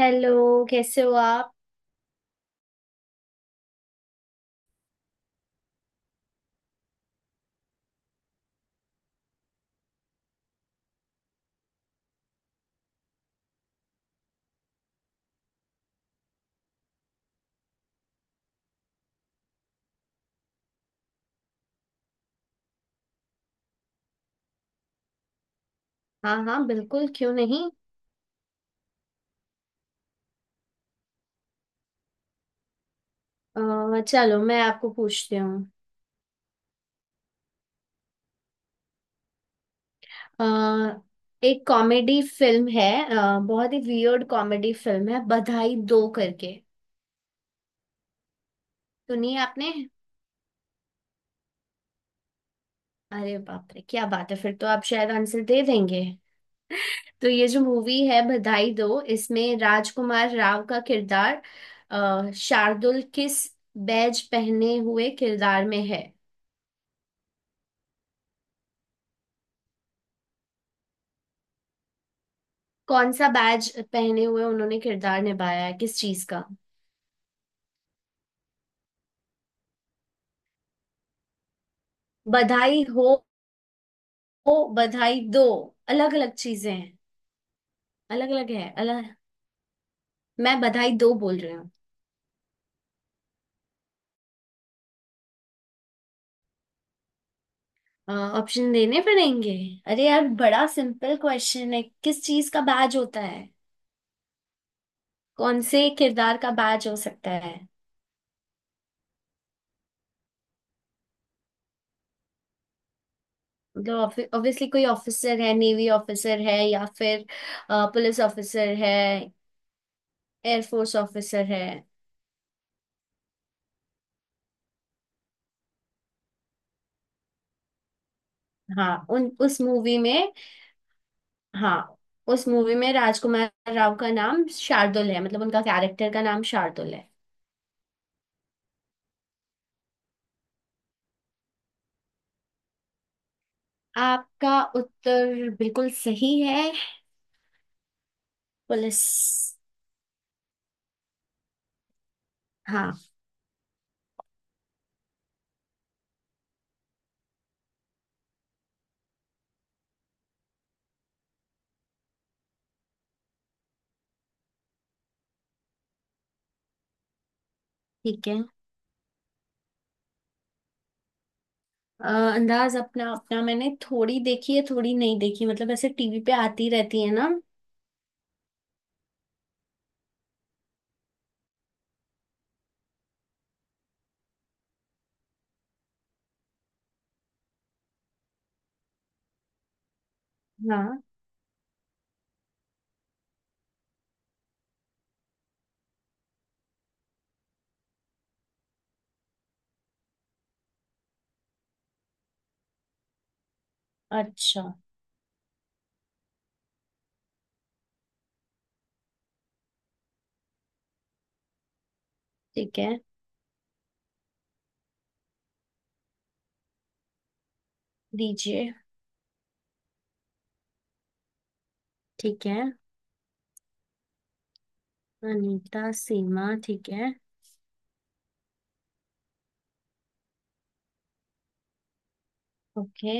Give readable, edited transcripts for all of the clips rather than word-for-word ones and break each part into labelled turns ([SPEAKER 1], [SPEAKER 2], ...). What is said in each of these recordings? [SPEAKER 1] Hello, कैसे हो आप? हाँ हाँ, बिल्कुल, क्यों नहीं? चलो, मैं आपको पूछती हूँ। अ, एक कॉमेडी फिल्म है। बहुत ही वियर्ड कॉमेडी फिल्म है, बधाई दो करके। सुनी है आपने? अरे बाप रे, क्या बात है! फिर तो आप शायद आंसर दे देंगे। तो ये जो मूवी है बधाई दो, इसमें राजकुमार राव का किरदार, शार्दुल, किस बैज पहने हुए किरदार में है? कौन सा बैज पहने हुए उन्होंने किरदार निभाया है, किस चीज का? बधाई हो। हो, बधाई दो। अलग अलग चीजें हैं। अलग अलग है, अलग। मैं बधाई दो बोल रही हूँ। ऑप्शन देने पड़ेंगे? अरे यार, बड़ा सिंपल क्वेश्चन है, किस चीज का बैज होता है? कौन से किरदार का बैज हो सकता है? मतलब, ऑब्वियसली कोई ऑफिसर है, नेवी ऑफिसर है, या फिर पुलिस ऑफिसर है, एयरफोर्स ऑफिसर है। हाँ, उन उस मूवी में। हाँ। उस मूवी में राजकुमार राव का नाम शार्दुल है, मतलब उनका कैरेक्टर का नाम शार्दुल है। आपका उत्तर बिल्कुल सही है। पुलिस। हाँ। ठीक है। अ, अंदाज अपना अपना मैंने थोड़ी देखी है, थोड़ी नहीं देखी, मतलब ऐसे टीवी पे आती रहती है ना। हाँ। अच्छा। ठीक है। दीजिए। ठीक है। अनीता, सीमा, ठीक है। ओके।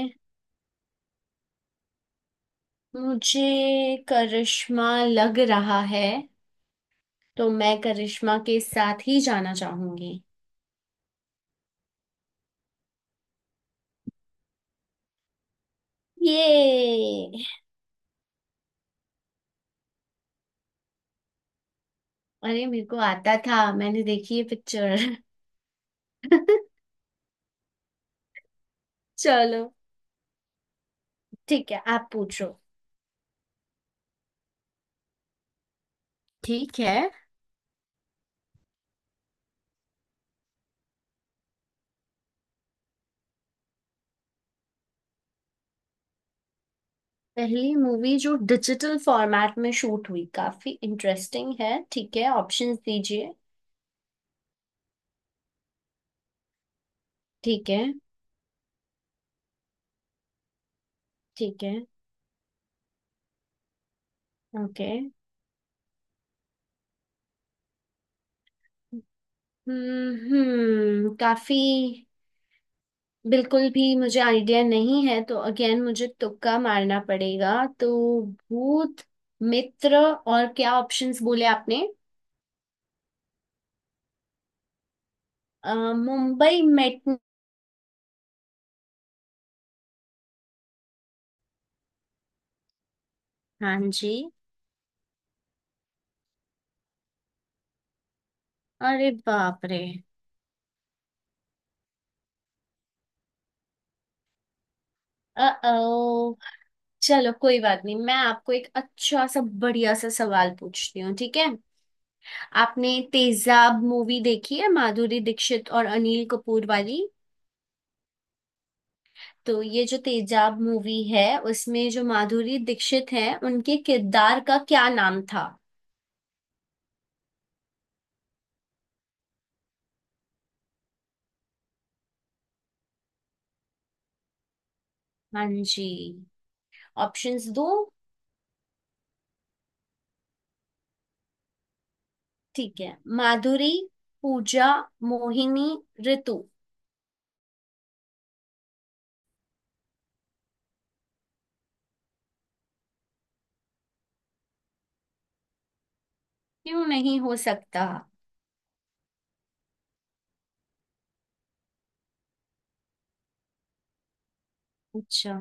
[SPEAKER 1] मुझे करिश्मा लग रहा है। तो मैं करिश्मा के साथ ही जाना चाहूंगी। ये, अरे, मेरे को आता था, मैंने देखी है पिक्चर। चलो। ठीक है, आप पूछो। ठीक है। पहली मूवी जो डिजिटल फॉर्मेट में शूट हुई, काफी इंटरेस्टिंग है। ठीक है, ऑप्शंस दीजिए। ठीक है। ठीक है। ओके। हम्म, हम्म। काफी, बिल्कुल भी मुझे आइडिया नहीं है, तो अगेन मुझे तुक्का मारना पड़ेगा। तो, भूत, मित्र, और क्या ऑप्शंस बोले आपने? अ, मुंबई मेट्रो। हाँ जी। अरे बाप रे! ओ, चलो कोई बात नहीं, मैं आपको एक अच्छा सा बढ़िया सा सवाल पूछती हूँ, ठीक है? आपने तेजाब मूवी देखी है, माधुरी दीक्षित और अनिल कपूर वाली? तो ये जो तेजाब मूवी है, उसमें जो माधुरी दीक्षित है, उनके किरदार का क्या नाम था? हाँ जी। ऑप्शंस दो। ठीक है। माधुरी, पूजा, मोहिनी, ऋतु। क्यों नहीं हो सकता? अच्छा।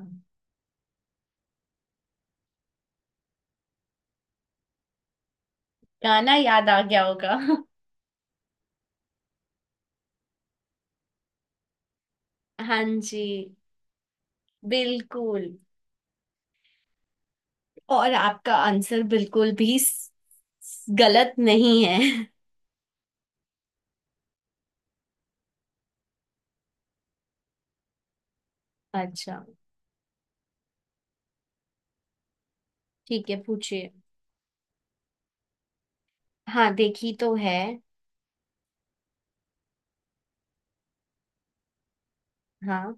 [SPEAKER 1] गाना याद आ गया होगा। हाँ जी, बिल्कुल। और आपका आंसर बिल्कुल भी गलत नहीं है। अच्छा। ठीक है, पूछिए। हाँ, देखी तो है। हाँ।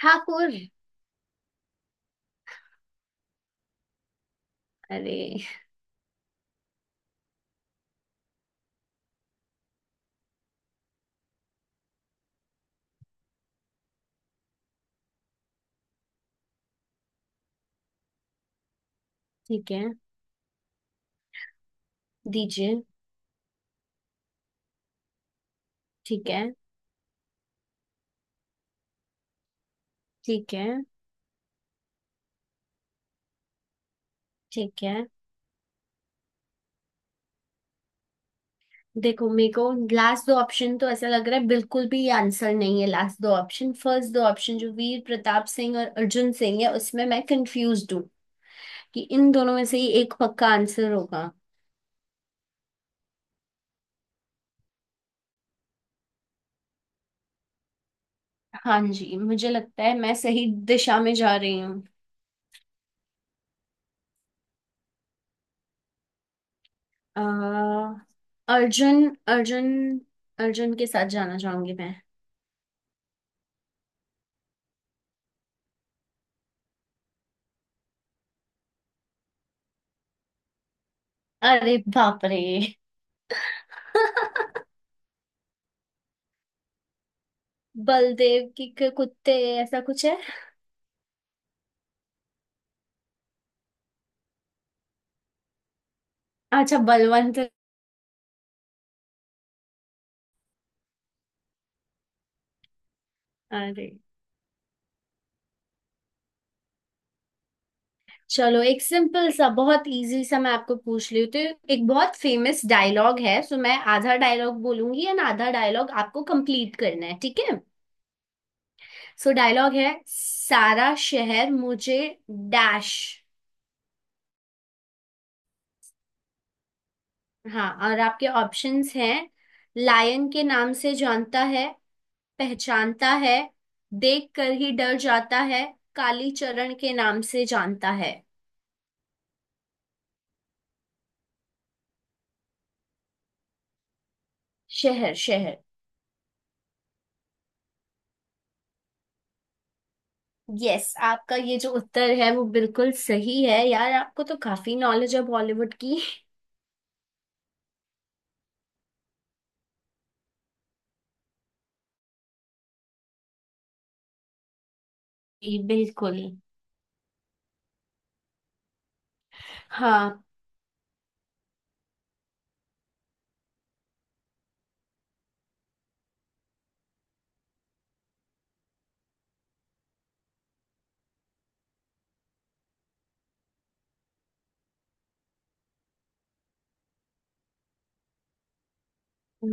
[SPEAKER 1] ठाकुर। अरे। ठीक है, दीजिए। ठीक है। ठीक है। ठीक है। देखो, मेरे को लास्ट दो ऑप्शन तो ऐसा लग रहा है बिल्कुल भी आंसर नहीं है, लास्ट दो ऑप्शन। फर्स्ट दो ऑप्शन जो वीर प्रताप सिंह और अर्जुन सिंह है, उसमें मैं कंफ्यूज हूँ कि इन दोनों में से ही एक पक्का आंसर होगा। हाँ जी, मुझे लगता है मैं सही दिशा में जा रही हूँ। अ, अर्जुन। अर्जुन। अर्जुन के साथ जाना चाहूंगी मैं। अरे बाप रे! बलदेव की के कुत्ते, ऐसा कुछ है? अच्छा, बलवंत। अरे। चलो, एक सिंपल सा बहुत इजी सा मैं आपको पूछ रही हूँ तो, एक बहुत फेमस डायलॉग है, सो मैं आधा डायलॉग बोलूंगी एंड आधा डायलॉग आपको कंप्लीट करना है, ठीक है? सो डायलॉग है, सारा शहर मुझे डैश। हाँ, और आपके ऑप्शंस हैं, लायन के नाम से जानता है, पहचानता है, देख कर ही डर जाता है, काली चरण के नाम से जानता है। शहर, शहर। यस, आपका ये जो उत्तर है वो बिल्कुल सही है। यार, आपको तो काफी नॉलेज है बॉलीवुड की। जी बिल्कुल। हाँ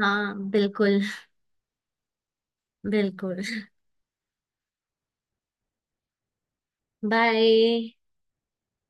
[SPEAKER 1] हाँ, बिल्कुल, बिल्कुल। बाय।